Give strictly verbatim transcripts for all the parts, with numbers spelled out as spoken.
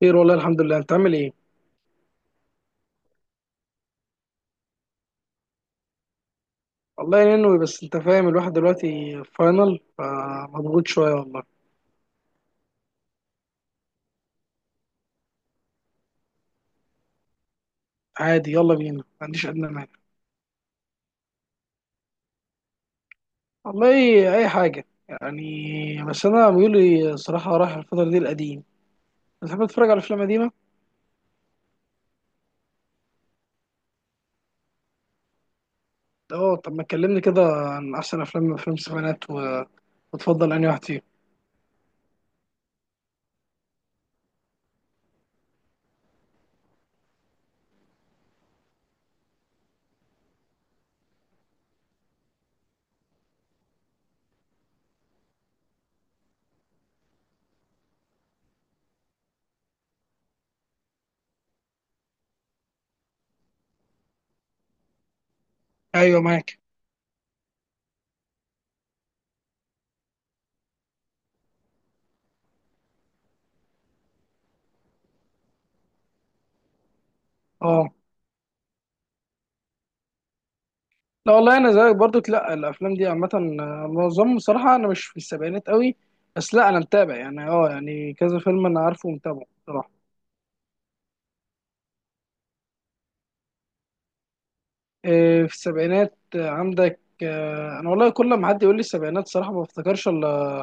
خير والله الحمد لله، انت عامل ايه؟ والله ينوي، بس انت فاهم الواحد دلوقتي في فاينل، فمضغوط شويه والله. عادي، يلا بينا، ما عنديش ادنى مانع. والله اي حاجه يعني، بس انا ميولي صراحه رايح الفتره دي القديم. بتحب تتفرج على افلام قديمه؟ اه، طب ما تكلمني كده عن احسن افلام، افلام السبعينات و... وتفضل انهي واحد فيهم. ايوه معاك. اه، لا والله انا زيك برضو، لا الافلام دي عامه، آه، معظم صراحه انا مش في السبعينات قوي، بس لا انا متابع يعني اه، يعني كذا فيلم انا عارفه ومتابعه. إيه، في السبعينات، آه، عندك، آه، انا والله كل ما حد يقول لي السبعينات صراحه ما بفتكرش الا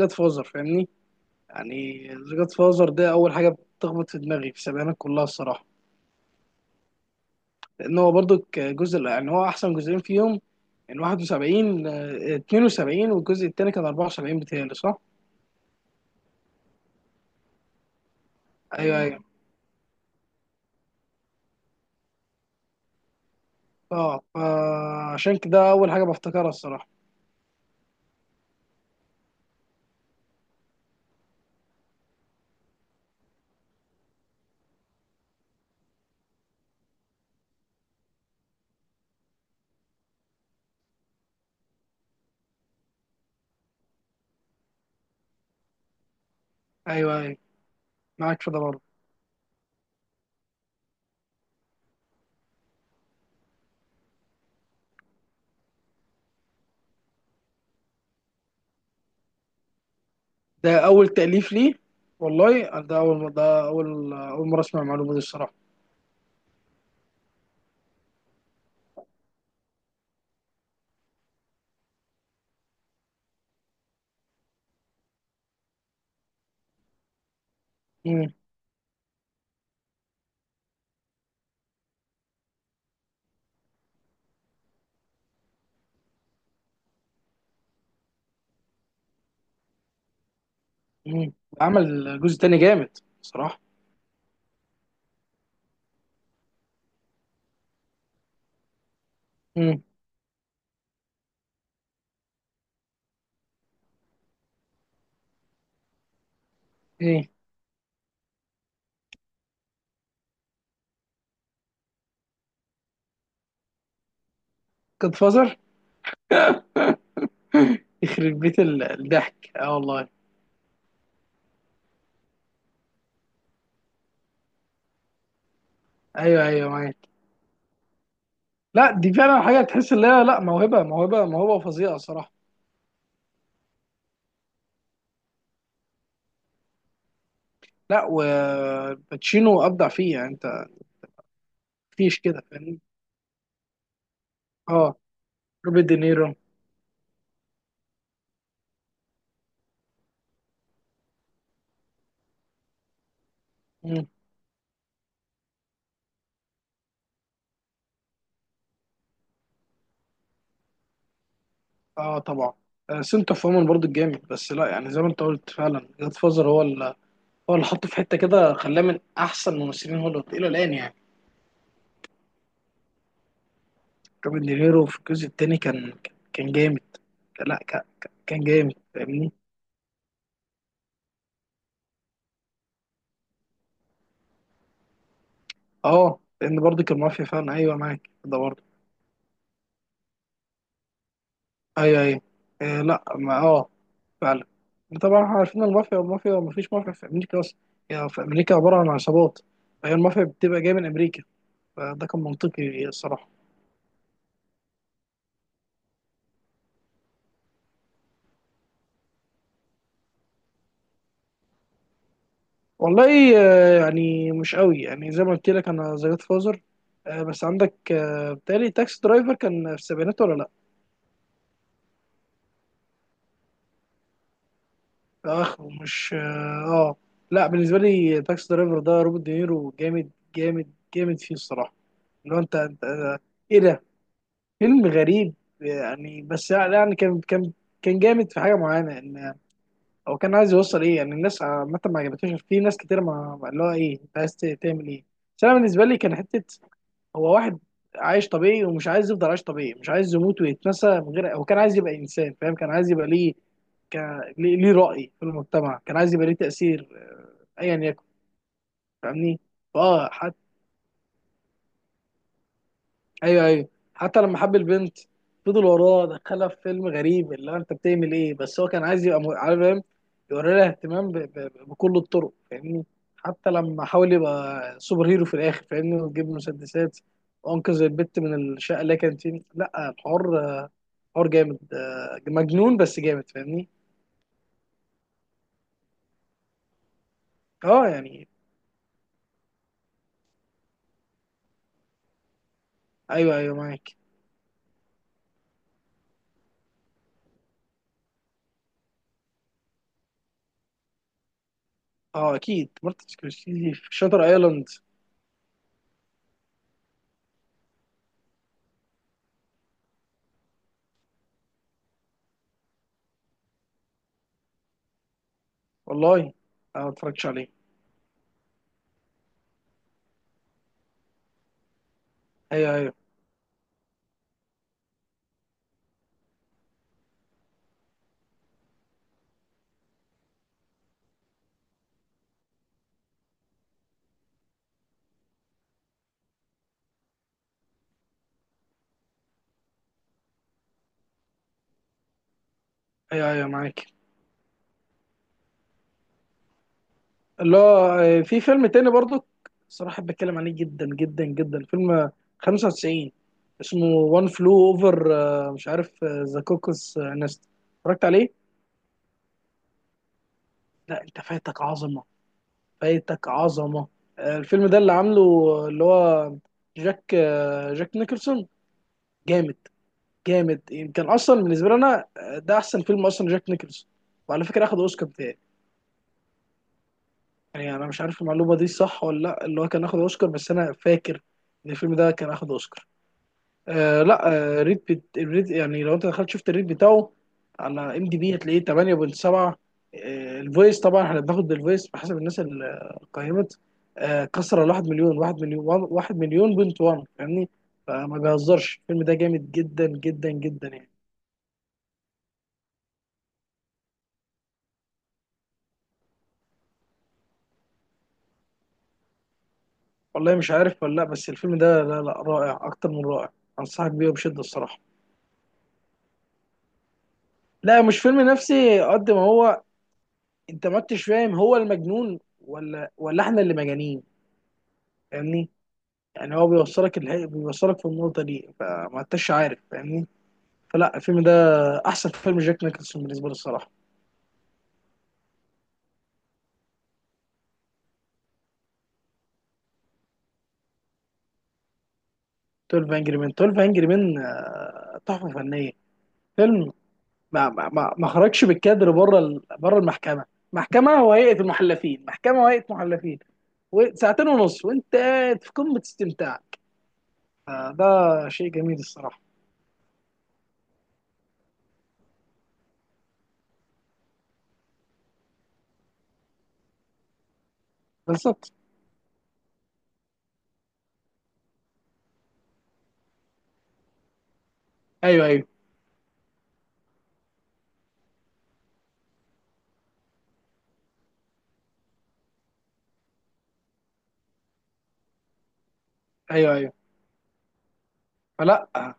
جاد فازر، فاهمني. يعني جاد فازر ده اول حاجه بتخبط في دماغي في السبعينات كلها الصراحه، لان هو برضو جزء، يعني هو احسن جزئين فيهم. يعني واحد وسبعين آه، اتنين وسبعين، والجزء الثاني كان اربعه وسبعين بتهيألي، صح؟ ايوه، امم ايوه. اه، فعشان كده اول حاجه بفتكرها الصراحه. ايوه ايوه معاك في ده برضه. ده اول تأليف ليه؟ والله ده اول، ده اول آه، اول مره اسمع المعلومه دي الصراحه. مم. عمل جزء تاني جامد بصراحة. مم. ايه، جاد فازر. يخرب بيت ال- الضحك، اه والله. ايوه ايوه معاك. لا دي فعلا حاجة تحس ان هي، لا موهبة، موهبة موهبة فظيعة صراحة. لا وباتشينو ابدع فيه، يعني انت مفيش كده، فاهمني. اه، روبرت دينيرو. مم. اه طبعا. آه، سنت اوف وومن برضه جامد، بس لا يعني زي ما انت قلت، فعلا جاد فازر هو اللي، هو اللي حطه في حتة كده، خلاه من احسن ممثلين هوليوود الى الان يعني. روبن نيفيرو في الجزء التاني كان، كان جامد. لا ك- ك- كان جامد، فاهمني. اه، لان برضه كان مافيا فعلا، ايوه معاك ده برضه. ايوه ايوه. آه لا، ما اه، فعلا. طبعا احنا عارفين المافيا، المافيا ما فيش مافيا في امريكا اصلا، يعني في امريكا عباره عن عصابات. فهي المافيا بتبقى جايه من امريكا، فده كان منطقي الصراحه. والله آه، يعني مش قوي، يعني زي ما قلت لك انا ذا جاد فازر، بس عندك، آه، بتهيألي تاكسي درايفر كان في السبعينات ولا لا؟ اخ ومش اه. آه. لا بالنسبه لي تاكسي درايفر ده، روبرت دينيرو جامد جامد جامد فيه الصراحه. لو انت انت آه، ايه ده، فيلم غريب يعني. بس يعني كان كان كان جامد في حاجه معينه، ان هو كان عايز يوصل ايه، يعني الناس عامه ما عجبتهاش، في ناس كتير ما ما- اللي هو ايه، انت عايز تعمل ايه. بس انا بالنسبه لي كان حته، هو واحد عايش طبيعي ومش عايز يفضل عايش طبيعي، مش عايز يموت ويتنسى من غير، هو كان عايز يبقى انسان فاهم، كان عايز يبقى ليه ك... ليه ليه رأي في المجتمع، كان عايز يبقى ليه تأثير. آه، ايا يكن، فاهمني، فاه حتى. ايوه ايوه. حتى لما حب البنت، فضل وراه دخلها في فيلم غريب، اللي هو انت بتعمل ايه، بس هو كان عايز يبقى م- عارف، فاهم يوري لها اهتمام ب... ب... بكل الطرق فاهمني. حتى لما حاول يبقى سوبر هيرو في الاخر، فاهمني، ويجيب مسدسات وانقذ البت من الشقه اللي هي كانت فيه، لا الحوار، حوار جامد، آه، مجنون بس جامد فاهمني. اه يعني، ايوه ايوه معاك. اه اكيد مارتن سكورسيزي في شاتر ايلاند. والله أنا ما اتفرجتش عليه. ايوه ايوه. ايوه ايوه معاك. لا، آه، في فيلم تاني برضو صراحة بحب اتكلم عليه جدا جدا جدا، فيلم خمسه وتسعين اسمه وان فلو اوفر، مش عارف ذا كوكس نست، اتفرجت عليه؟ لا انت فايتك عظمة، فايتك عظمة. آه، الفيلم ده اللي عامله، اللي هو جاك، آه، جاك نيكلسون. جامد، جامد، يمكن اصلا بالنسبه لي انا، آه، ده احسن فيلم اصلا جاك نيكلز، وعلى فكره اخد اوسكار بتاعي. يعني انا مش عارف المعلومه دي صح ولا لا، اللي هو كان اخد اوسكار، بس انا فاكر ان الفيلم ده كان اخد اوسكار. آه لا، آه ريت بت... الريت يعني، لو انت دخلت شفت الريت بتاعه على ام دي بي هتلاقيه تمانية وسبعة من عشرة. آه الفويس طبعا احنا بناخد بالفويس بحسب الناس اللي قيمت، آه كسر ال واحد مليون، واحد مليون، واحد مليون بنت واحد، فاهمني. فما بيهزرش، الفيلم ده جامد جدا جدا جدا يعني. والله مش عارف ولا لا، بس الفيلم ده لا لا، رائع اكتر من رائع، انصحك بيه بشده الصراحه. لا مش فيلم نفسي قد ما هو، انت ما انتش فاهم هو المجنون ولا، ولا احنا اللي مجانين، فاهمني. يعني هو بيوصلك الهي... بيوصلك في النقطه دي، فما انتش عارف، فاهمني. فلا الفيلم ده احسن فيلم جاك نيكلسون بالنسبه لي الصراحه. اتناشر انجري مان، اتناشر انجري مان، تحفه فنيه، فيلم ما ما ما ما خرجش بالكادر بره ال- بره المحكمه، محكمه وهيئه المحلفين، محكمه وهيئه محلفين، وساعتين ونص وانت قاعد في قمه استمتاع. آه، ده شيء جميل الصراحه. بالظبط. ايوه ايوه. ايوه ايوه. فلا آه...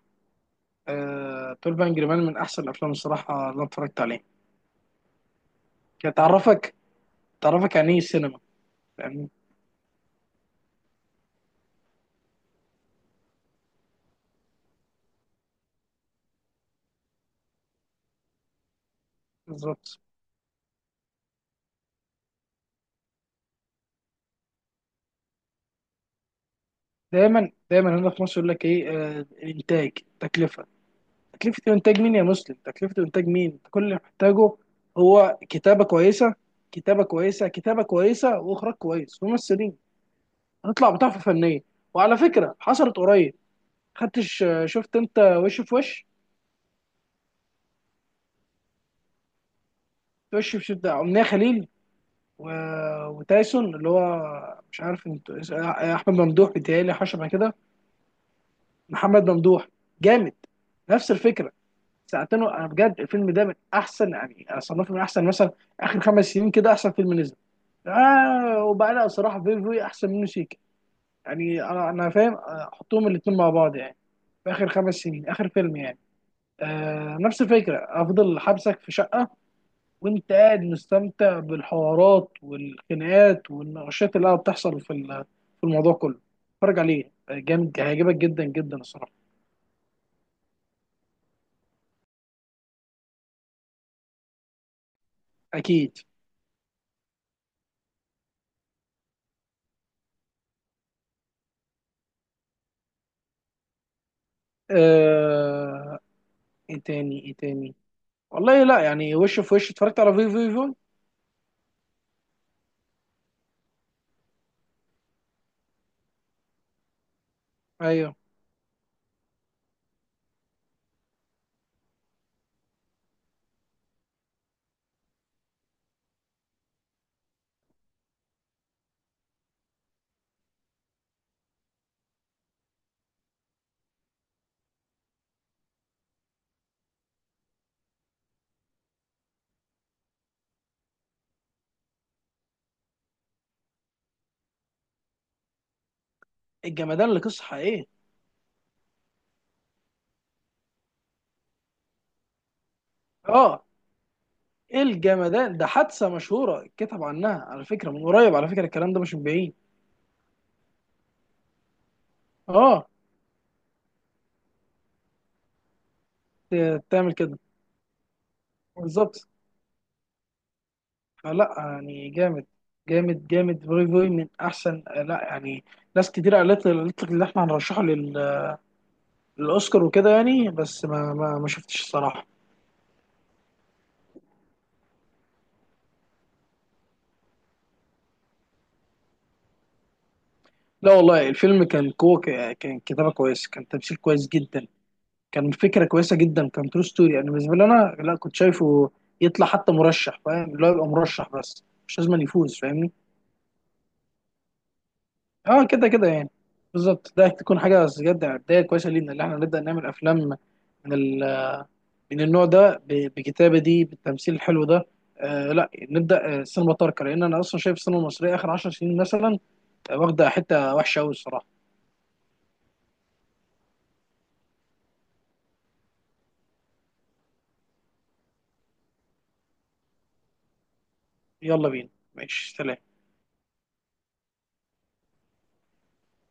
اتناشر انجري مان من احسن الافلام الصراحه اللي أنا اتفرجت عليها، كانت تعرفك، تعرفك يعني ايه السينما، يعني بالظبط. دايما دايما هنا في مصر يقول لك ايه، آه... الانتاج، تكلفه، تكلفة إنتاج مين يا مسلم؟ تكلفة إنتاج مين؟ أنت كل اللي محتاجه هو كتابة كويسة، كتابة كويسة، كتابة كويسة وإخراج كويس، ممثلين، هنطلع بتحفة فنية. وعلى فكرة حصلت قريب، خدتش شفت أنت وش في وش؟ وش في شدة، أمنية خليل، و... وتايسون اللي هو، مش عارف انت، أحمد ممدوح بيتهيألي حاجة شبه كده، محمد ممدوح. جامد، نفس الفكرة، ساعتين، و- انا بجد الفيلم ده من احسن، يعني انا صنفه من احسن مثلا اخر خمس سنين كده، احسن فيلم نزل. آه وبعدها صراحة فيفوي أحسن من سيكا يعني، أنا أنا فاهم، آه، حطهم الاتنين مع بعض يعني في آخر خمس سنين آخر فيلم يعني. آه نفس الفكرة، أفضل حبسك في شقة وأنت قاعد مستمتع بالحوارات والخناقات والنقاشات اللي قاعدة بتحصل في ال- في الموضوع كله. اتفرج عليه، آه، جامد هيعجبك جدا جدا الصراحة. أكيد. آه، إيه تاني؟ إيه تاني؟ والله لا يعني، وش في وش اتفرجت على فيفوي فيفوي. أيوه، الجمدان اللي قصة حقيقية. اه، ايه الجمدان ده حادثه مشهوره، اتكتب عنها على فكره من قريب، على فكره الكلام ده مش من بعيد. اه، ت- تعمل كده. بالظبط. فلا يعني جامد، جامد جامد، فوي فوي من احسن، لا يعني ناس كتير قالت لي، قالت لك اللي احنا هنرشحه لل- للاوسكار وكده يعني، بس ما ما, ما شفتش الصراحه. لا والله الفيلم كان كو، كان كتابه كويس، كان تمثيل كويس جدا، كان فكره كويسه جدا، كان ترو ستوري، يعني بالنسبه لي انا لا، كنت شايفه يطلع حتى مرشح، فاهم اللي هو يبقى مرشح بس مش لازم يفوز، فاهمني. اه كده كده يعني. بالظبط، ده تكون حاجه بجد بدايه كويسه لينا اللي احنا نبدا نعمل افلام من ال... من النوع ده ب... بكتابه دي، بالتمثيل الحلو ده. آه لا نبدا، آه، سينما تركه، لان انا اصلا شايف السينما المصريه اخر عشر سنين مثلا، آه، واخده حته وحشه قوي الصراحه. يلا بينا، ماشي سلام.